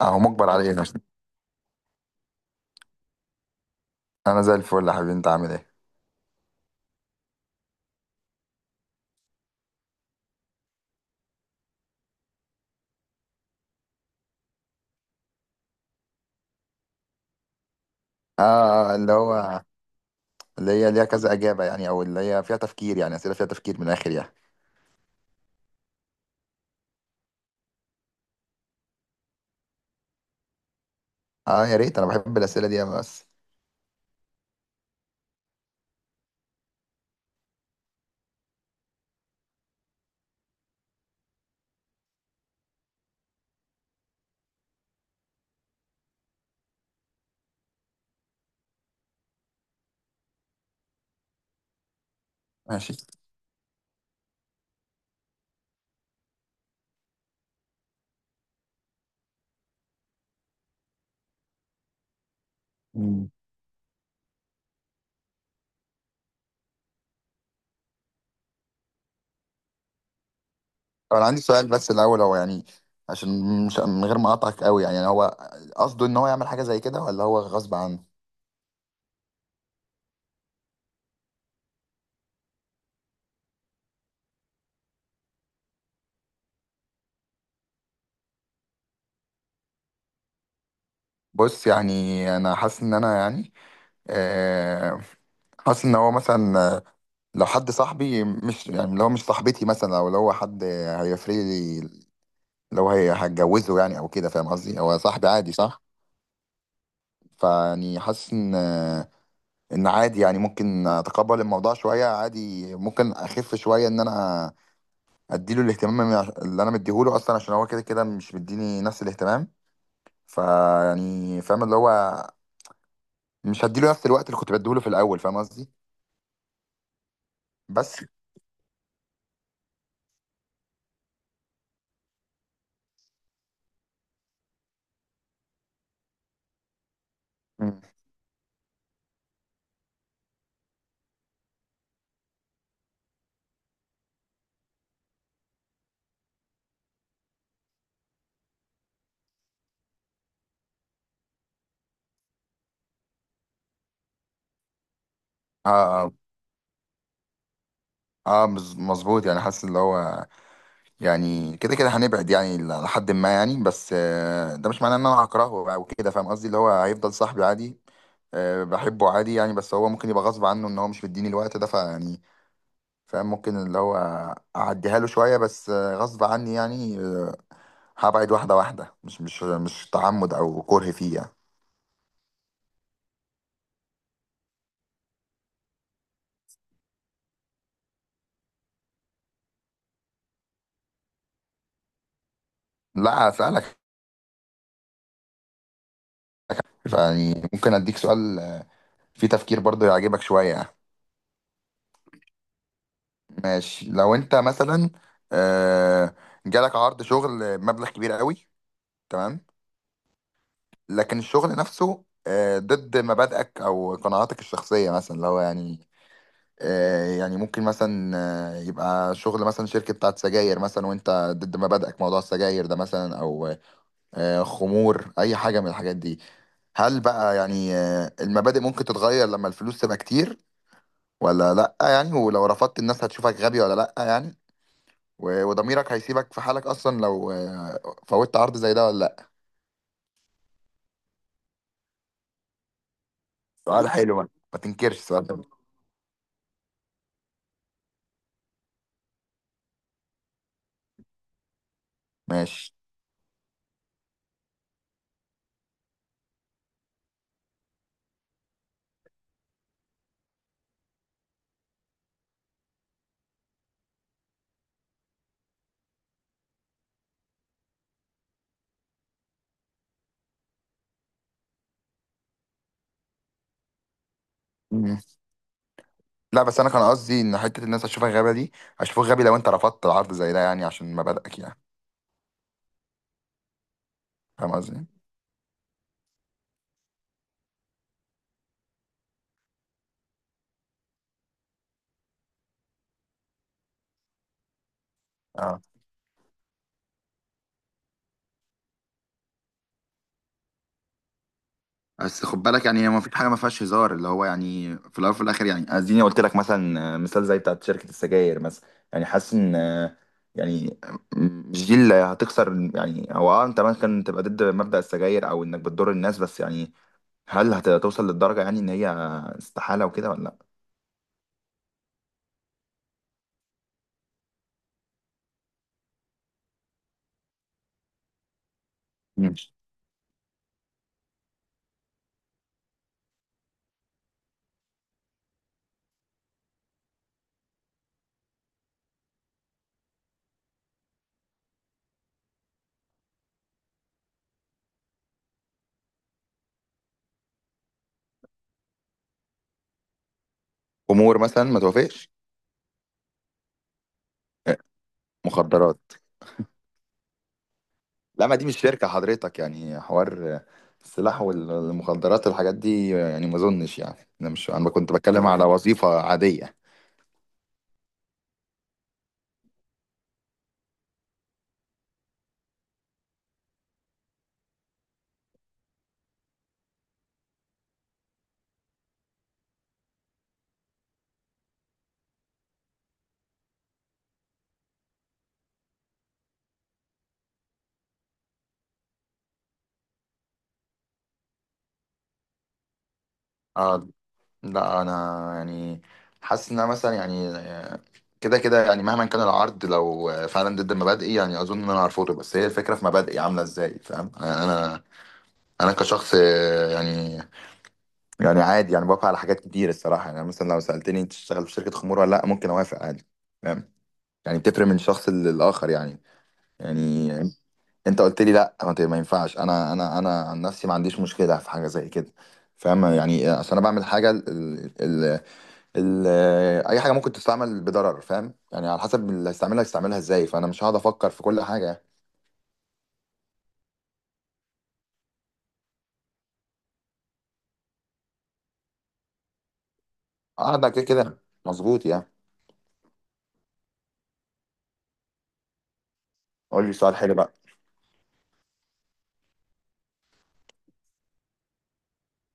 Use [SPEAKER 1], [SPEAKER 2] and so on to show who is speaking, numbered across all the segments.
[SPEAKER 1] اهو مجبر على ايه؟ عشان انا زي الفل يا حبيبي، انت عامل ايه؟ اه. اللي هو اللي هي ليها كذا اجابه يعني، او اللي هي فيها تفكير، يعني اسئله فيها تفكير من الاخر يعني. اه يا ريت، انا بحب الاسئله دي أوي. بس ماشي. مم. طب انا عندي سؤال بس الاول، هو يعني عشان مش من غير ما اقطعك قوي يعني، هو قصده ان هو يعمل حاجه زي كده ولا هو غصب عنه؟ بص يعني انا حاسس ان انا يعني، آه، حاسس ان هو مثلا لو حد صاحبي مش يعني، لو مش صاحبتي مثلا او لو هو حد هيفرق لي، لو هي هتجوزه يعني او كده، فاهم قصدي؟ هو صاحبي عادي صح، فيعني حاسس ان ان عادي يعني، ممكن اتقبل الموضوع شويه عادي، ممكن اخف شويه ان انا اديله الاهتمام اللي انا مديهوله اصلا، عشان هو كده كده مش مديني نفس الاهتمام. فيعني فاهم اللي هو مش هديله نفس الوقت اللي كنت بديهوله في الاول، فاهم قصدي؟ بس مم. اه. اه، مظبوط يعني، حاسس اللي هو يعني كده كده هنبعد يعني لحد ما يعني، بس ده مش معناه ان انا هكرهه او كده، فاهم قصدي؟ اللي هو هيفضل صاحبي عادي، بحبه عادي يعني، بس هو ممكن يبقى غصب عنه ان هو مش مديني الوقت ده، فيعني فاهم ممكن اللي هو اعديها له شوية، بس غصب عني يعني. هبعد واحدة واحدة، مش تعمد او كره فيه يعني. لا هسألك، يعني ممكن اديك سؤال فيه تفكير برضه يعجبك شوية يعني. ماشي، لو انت مثلا آه، جالك عرض شغل مبلغ كبير قوي، تمام، لكن الشغل نفسه ضد مبادئك او قناعاتك الشخصيه مثلا، اللي هو يعني يعني ممكن مثلا يبقى شغل مثلا شركه بتاعت سجاير مثلا، وانت ضد مبادئك موضوع السجاير ده مثلا، او خمور اي حاجه من الحاجات دي. هل بقى يعني المبادئ ممكن تتغير لما الفلوس تبقى كتير، ولا لا يعني؟ ولو رفضت، الناس هتشوفك غبي ولا لا يعني؟ وضميرك هيسيبك في حالك اصلا لو فوتت عرض زي ده، ولا لا؟ سؤال حلو بقى، ما تنكرش السؤال ده. ماشي. لا، بس انا كان قصدي ان حته الناس هتشوفك غبي دي، هشوفك غبي لو انت رفضت عرض زي ده يعني عشان مبادئك يعني. فاهم قصدي؟ اه، بس خد بالك، يعني هي ما فيش حاجه ما فيهاش هزار، اللي هو يعني في الاول وفي الاخر يعني، اديني قلت لك مثلا مثال زي بتاعت شركه السجاير مثلا، يعني حاسس ان يعني، مش دي اللي هتخسر يعني، هو اه انت ممكن تبقى ضد مبدأ السجاير او انك بتضر الناس، بس يعني هل هتوصل للدرجه يعني ان هي استحاله وكده ولا لا؟ مم. امور مثلا ما توافقش. مخدرات. لا، ما دي مش شركة حضرتك، يعني حوار السلاح والمخدرات والحاجات دي يعني ما اظنش يعني، انا مش انا كنت بتكلم على وظيفة عادية. اه. لا انا يعني حاسس ان أنا مثلا يعني، كده كده يعني مهما كان العرض، لو فعلا ضد مبادئي يعني اظن ان انا هرفضه، بس هي الفكرة في مبادئي عاملة ازاي، فاهم يعني؟ انا كشخص يعني يعني عادي يعني، بوافق على حاجات كتير الصراحة، يعني مثلا لو سألتني انت تشتغل في شركة خمور ولا لا، ممكن اوافق عادي، فاهم يعني؟ بتفرق من شخص للآخر يعني. يعني انت قلت لي لا ما ما ينفعش، انا عن نفسي ما عنديش مشكله في حاجه زي كده، فاهم يعني؟ عشان انا بعمل حاجه ال ال ال اي حاجه ممكن تستعمل بضرر، فاهم يعني؟ على حسب اللي هيستعملها هيستعملها ازاي، فانا مش هقعد افكر في كل حاجه. قاعد كده كده. مظبوط يعني. قول لي سؤال حلو بقى.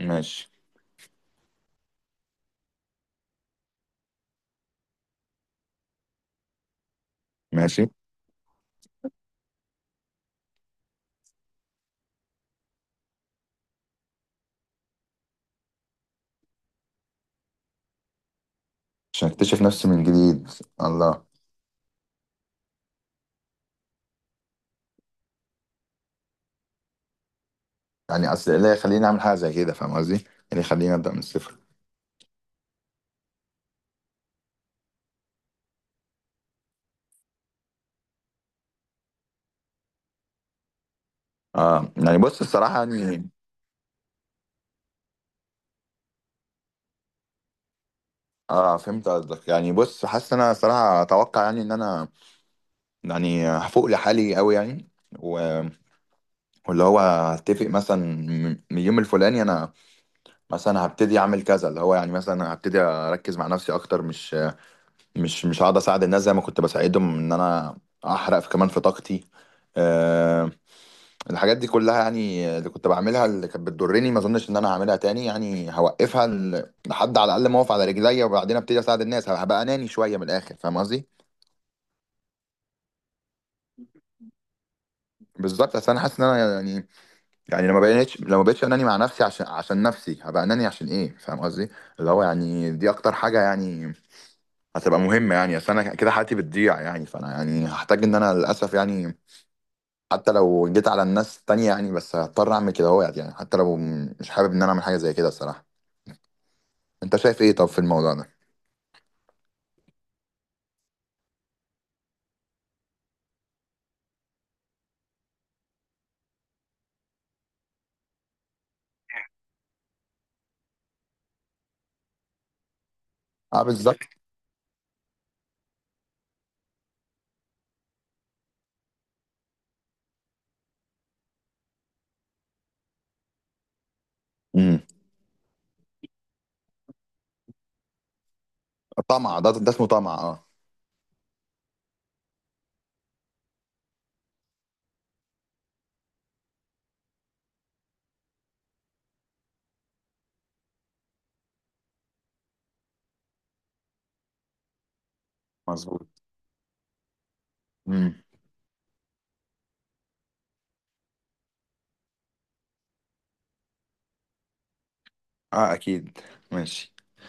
[SPEAKER 1] ماشي. ماشي. عشان اكتشف نفسي من جديد؟ الله. يعني اصل ايه اللي يخليني اعمل حاجه زي كده؟ فاهم قصدي؟ ايه اللي يخليني ابدا من الصفر؟ اه يعني بص الصراحه يعني، اه فهمت قصدك. يعني بص حاسس إن انا صراحه اتوقع يعني ان انا يعني هفوق لحالي قوي يعني، و- واللي هو هتفق مثلا من اليوم الفلاني انا مثلا هبتدي اعمل كذا، اللي هو يعني مثلا هبتدي اركز مع نفسي اكتر، مش هقعد اساعد الناس زي ما كنت بساعدهم، ان انا احرق في كمان في طاقتي. أه الحاجات دي كلها يعني اللي كنت بعملها اللي كانت بتضرني، ما اظنش ان انا هعملها تاني يعني، هوقفها لحد على الاقل ما اقف على رجليا، وبعدين ابتدي اساعد الناس. هبقى اناني شويه من الاخر، فاهم قصدي؟ بالظبط. اصل انا حاسس ان انا يعني، يعني لما بقيتش اناني مع نفسي عشان عشان نفسي، هبقى اناني عشان ايه، فاهم قصدي؟ اللي هو يعني دي اكتر حاجه يعني هتبقى مهمه يعني، اصل انا كده حياتي بتضيع يعني، فانا يعني هحتاج ان انا للاسف يعني حتى لو جيت على الناس التانية يعني، بس هضطر اعمل كده، هو يعني حتى لو مش حابب ان انا اعمل حاجه زي كده الصراحه. انت شايف ايه طب في الموضوع ده؟ اه بالظبط. امم. طمع، ده ده اسمه طمع، اه. مظبوط. امم. اه اكيد. ماشي.